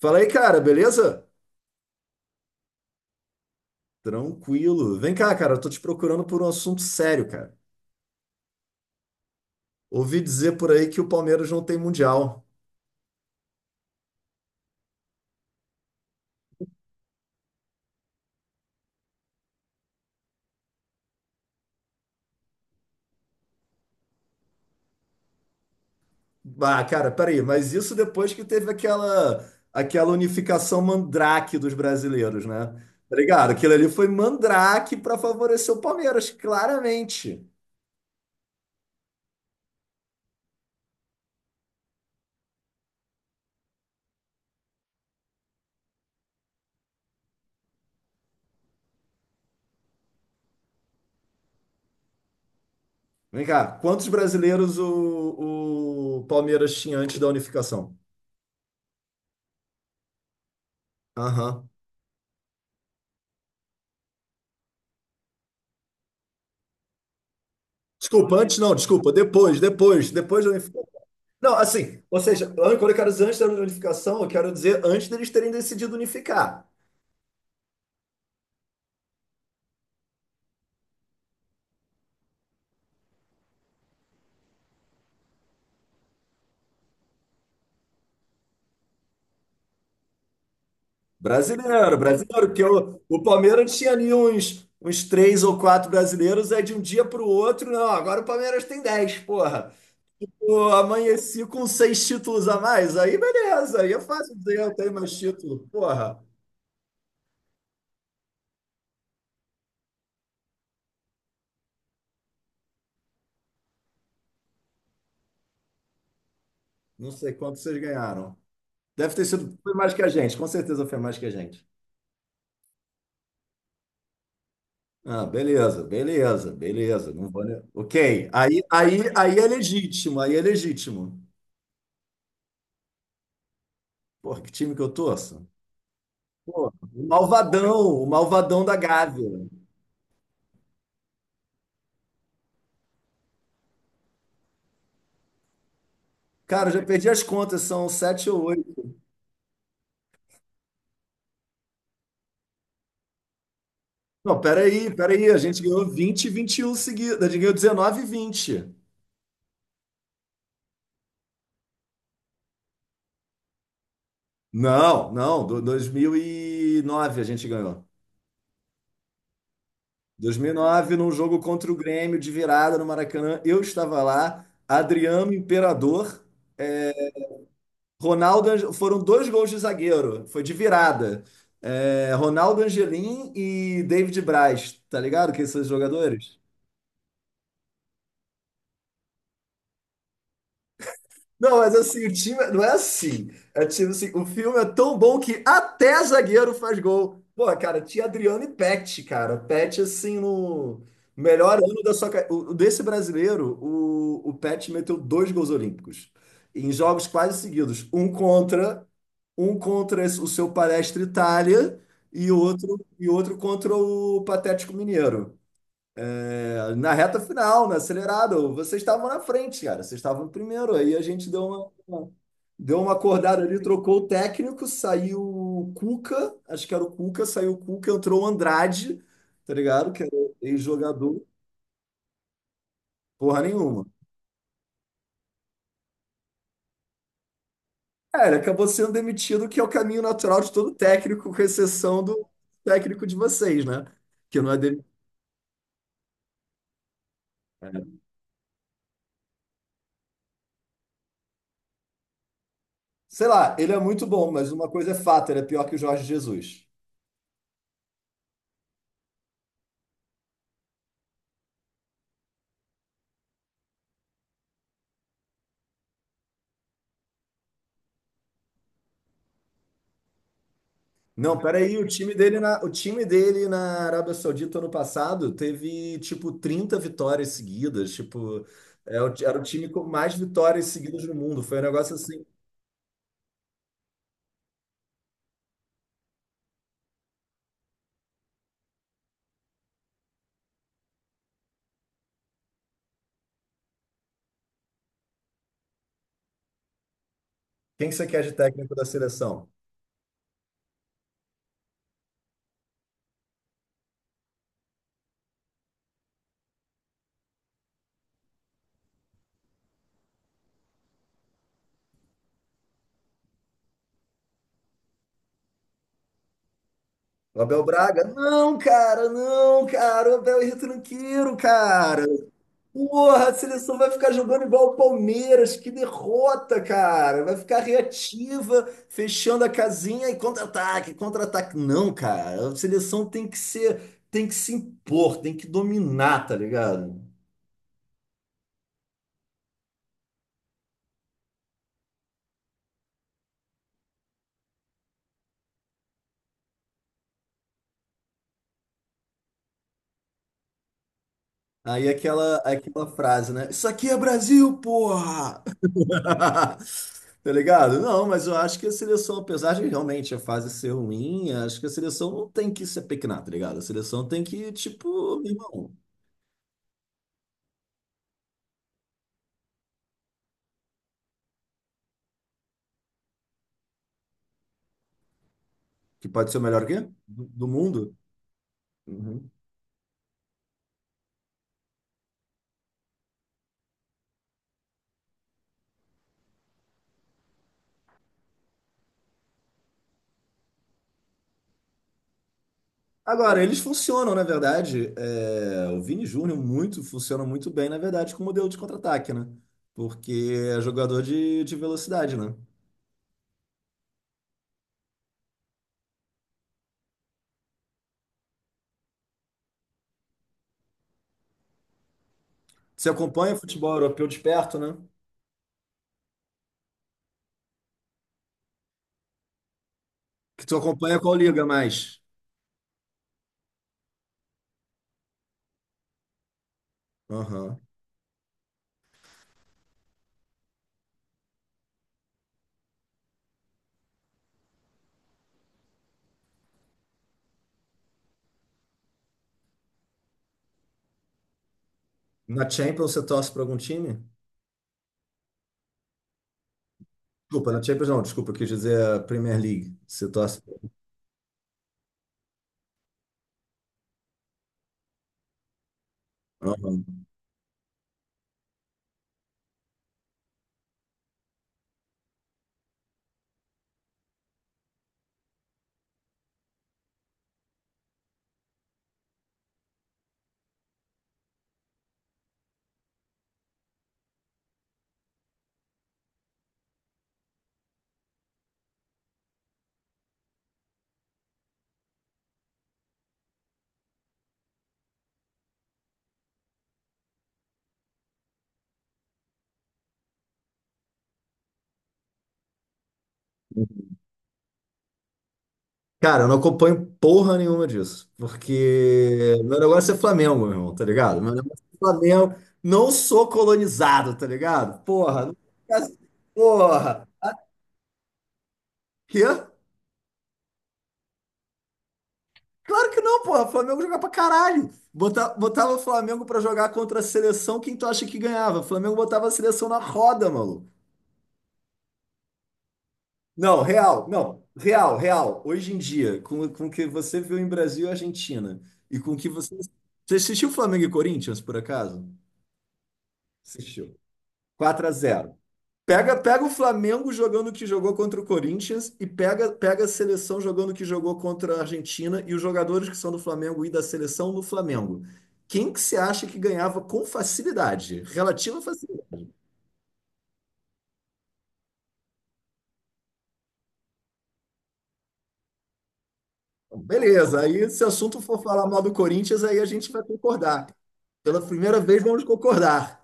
Fala aí, cara, beleza? Tranquilo. Vem cá, cara, eu tô te procurando por um assunto sério, cara. Ouvi dizer por aí que o Palmeiras não tem mundial. Ah, cara, peraí, mas isso depois que teve aquela unificação mandrake dos brasileiros, né? Tá ligado? Aquilo ali foi mandrake pra favorecer o Palmeiras, claramente. Vem cá, quantos brasileiros o Palmeiras tinha antes da unificação? Aham. Desculpa, antes não, desculpa, depois da unificação. Não, assim, ou seja, quando eu quero dizer antes da unificação, eu quero dizer antes deles terem decidido unificar. Brasileiro, brasileiro, porque o Palmeiras tinha ali uns três ou quatro brasileiros, aí de um dia para o outro, não, agora o Palmeiras tem dez, porra. Pô, amanheci com seis títulos a mais, aí beleza, aí é fácil dizer, eu tenho mais título. Porra, não sei quanto vocês ganharam. Deve ter sido, foi mais que a gente, com certeza foi mais que a gente. Ah, beleza, beleza, beleza. Não vou... ne- Ok. Aí, aí, aí é legítimo, aí é legítimo. Porra, que time que eu torço? Pô, o malvadão da Gávea. Cara, eu já perdi as contas, são sete ou oito. Não, peraí, peraí, a gente ganhou 20 e 21 seguidas, a gente ganhou dezenove e 20. Não, não, 2009 a gente ganhou. Dois mil e nove num jogo contra o Grêmio de virada no Maracanã, eu estava lá, Adriano Imperador, é, Ronaldo, foram dois gols de zagueiro, foi de virada. É, Ronaldo Angelim e David Braz, tá ligado? Quem são os jogadores? Não, mas assim, o time não é assim. É tipo assim, o filme é tão bom que até zagueiro faz gol. Pô, cara, tinha Adriano e Pet, cara. Pet, assim, no melhor ano da sua carreira. Desse brasileiro, o Pet meteu dois gols olímpicos. Em jogos quase seguidos. Um contra o seu Palestra Itália e outro contra o Patético Mineiro. É, na reta final, no acelerado, vocês estavam na frente, cara. Vocês estavam em primeiro. Aí a gente deu deu uma acordada ali, trocou o técnico, saiu o Cuca, acho que era o Cuca, saiu o Cuca, entrou o Andrade, tá ligado? Que era ex-jogador, porra nenhuma. É, ele acabou sendo demitido, que é o caminho natural de todo técnico, com exceção do técnico de vocês, né? Que não é demitido. Sei lá, ele é muito bom, mas uma coisa é fato, ele é pior que o Jorge Jesus. Não, peraí, o time dele na Arábia Saudita ano passado teve tipo 30 vitórias seguidas, tipo, era o time com mais vitórias seguidas no mundo. Foi um negócio assim. Quem que você quer de técnico da seleção? O Abel Braga? Não, cara, não, cara, o Abel é retranqueiro, cara. Porra, a seleção vai ficar jogando igual o Palmeiras, que derrota, cara. Vai ficar reativa, fechando a casinha e contra-ataque, contra-ataque. Não, cara, a seleção tem que ser, tem que se impor, tem que dominar, tá ligado? Aí aquela, aquela frase, né? Isso aqui é Brasil, porra! Tá ligado? Não, mas eu acho que a seleção, apesar de realmente a fase ser ruim, acho que a seleção não tem que se apequenar, tá ligado? A seleção tem que, tipo, meu irmão, que pode ser o melhor quê? Do mundo. Uhum. Agora, eles funcionam, na verdade. É, o Vini Júnior muito, funciona muito bem, na verdade, com o modelo de contra-ataque, né? Porque é jogador de velocidade, né? Você acompanha o futebol europeu de perto, né? Que tu acompanha qual liga mais? Aham. Na Champions você torce para algum time? Desculpa, na Champions não, desculpa, eu quis dizer a Premier League. Você torce. Aham. Cara, eu não acompanho porra nenhuma disso, porque meu negócio é Flamengo, meu irmão, tá ligado? Meu negócio é Flamengo, não sou colonizado, tá ligado? Porra, não- porra. Quê? Claro que não, porra. Flamengo joga pra caralho. Bota- Botava o Flamengo pra jogar contra a seleção, quem tu acha que ganhava? O Flamengo botava a seleção na roda, maluco. Não, real, não, real, real. Hoje em dia, com o que você viu em Brasil e Argentina, e com o que você. Você assistiu Flamengo e Corinthians, por acaso? Assistiu. 4 a 0. Pega, pega o Flamengo jogando o que jogou contra o Corinthians e pega, pega a seleção jogando o que jogou contra a Argentina e os jogadores que são do Flamengo e da seleção no Flamengo. Quem que você acha que ganhava com facilidade? Relativa facilidade. Beleza, aí se o assunto for falar mal do Corinthians, aí a gente vai concordar. Pela primeira vez vamos concordar.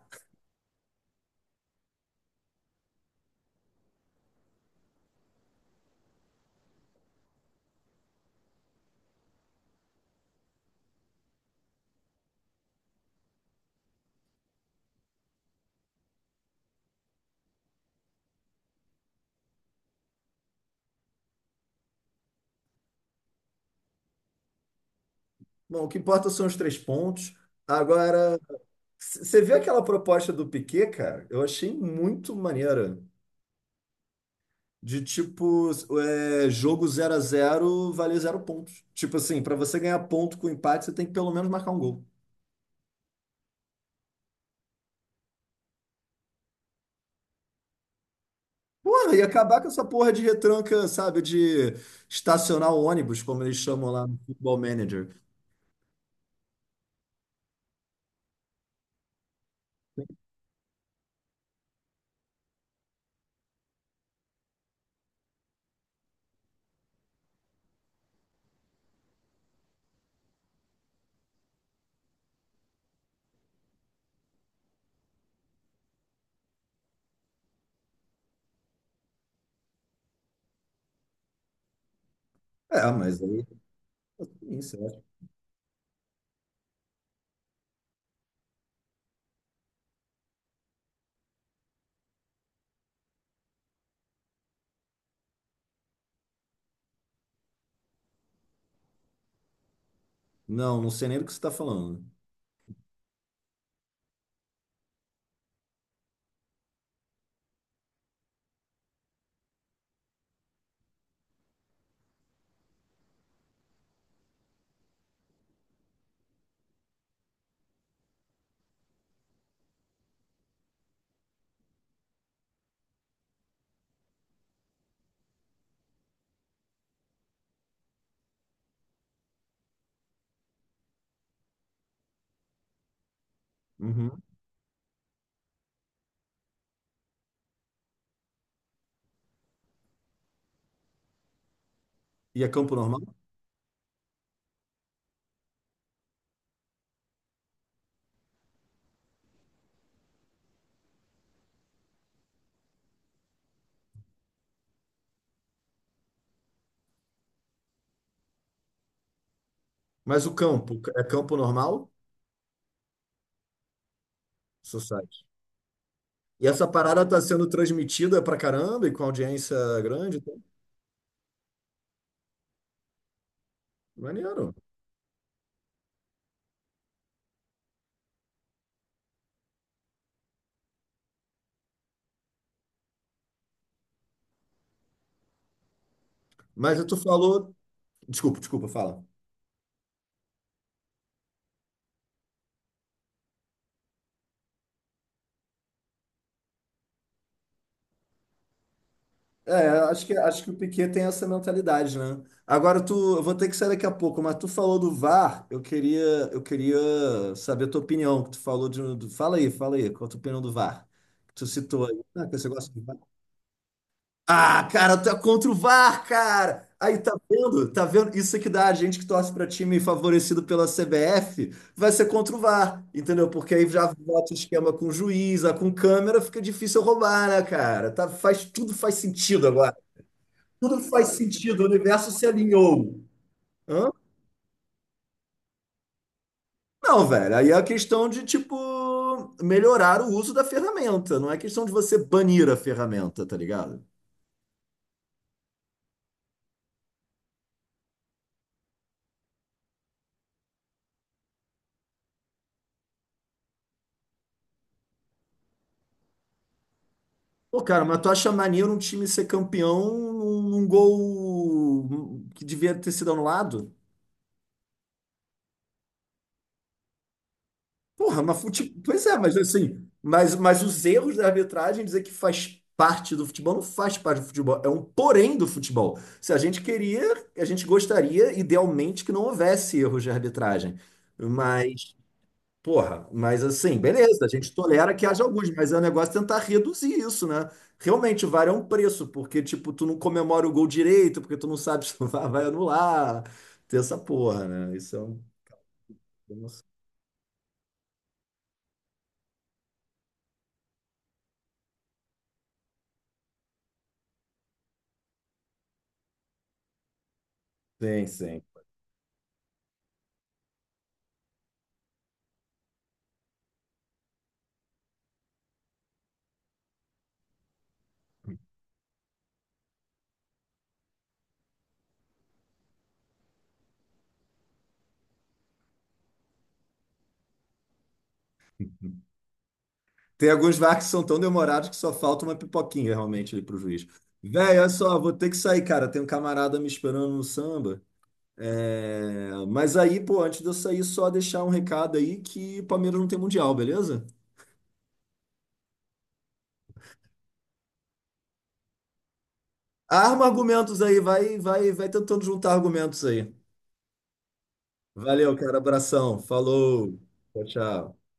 Bom, o que importa são os três pontos. Agora, você viu aquela proposta do Piquet, cara? Eu achei muito maneira. De tipo, é, jogo 0 a zero vale zero pontos. Tipo assim, pra você ganhar ponto com empate, você tem que pelo menos marcar um gol. Porra, e acabar com essa porra de retranca, sabe? De estacionar o ônibus, como eles chamam lá no Football Manager. É, mas aí. Isso, é. Não, não sei nem do que você tá falando. Uhum. E é campo normal? Mas o campo, é campo normal? Society. E essa parada tá sendo transmitida pra caramba e com audiência grande, então, maneiro. Mas tu falou. Desculpa, desculpa, fala. É, acho que o Piquet tem essa mentalidade, né? Agora tu, eu vou ter que sair daqui a pouco, mas tu falou do VAR, eu queria saber a tua opinião, que tu falou de, um, fala aí, qual a tua opinião do VAR? Que tu citou aí. Ah, que você gosta de VAR? Ah, cara, tu é contra o VAR, cara! Aí, tá vendo? Tá vendo? Isso é que dá a gente que torce pra time favorecido pela CBF, vai ser contra o VAR, entendeu? Porque aí já bota o esquema com juiz, ah, com câmera, fica difícil roubar, né, cara? Tá, faz, tudo faz sentido agora, tudo faz sentido, o universo se alinhou. Hã? Não, velho. Aí é a questão de, tipo, melhorar o uso da ferramenta. Não é questão de você banir a ferramenta, tá ligado? Pô, cara, mas tu acha maneiro um time ser campeão num, num gol que devia ter sido anulado? Porra, mas fute... Pois é, mas assim, mas os erros da arbitragem dizer que faz parte do futebol não faz parte do futebol, é um porém do futebol. Se a gente queria, a gente gostaria idealmente que não houvesse erros de arbitragem. Mas, porra, mas assim, beleza, a gente tolera que haja alguns, mas é um negócio tentar reduzir isso, né? Realmente, o VAR é um preço, porque, tipo, tu não comemora o gol direito, porque tu não sabe se o VAR vai anular. Tem essa porra, né? Isso é um. Sim, sim. Tem alguns VAR que são tão demorados que só falta uma pipoquinha realmente ali pro juiz. Véi, olha só, vou ter que sair, cara. Tem um camarada me esperando no samba. É, mas aí, pô, antes de eu sair, só deixar um recado aí que o Palmeiras não tem mundial, beleza? Arma argumentos aí, vai, vai, vai tentando juntar argumentos aí. Valeu, cara. Abração. Falou. Tchau, tchau.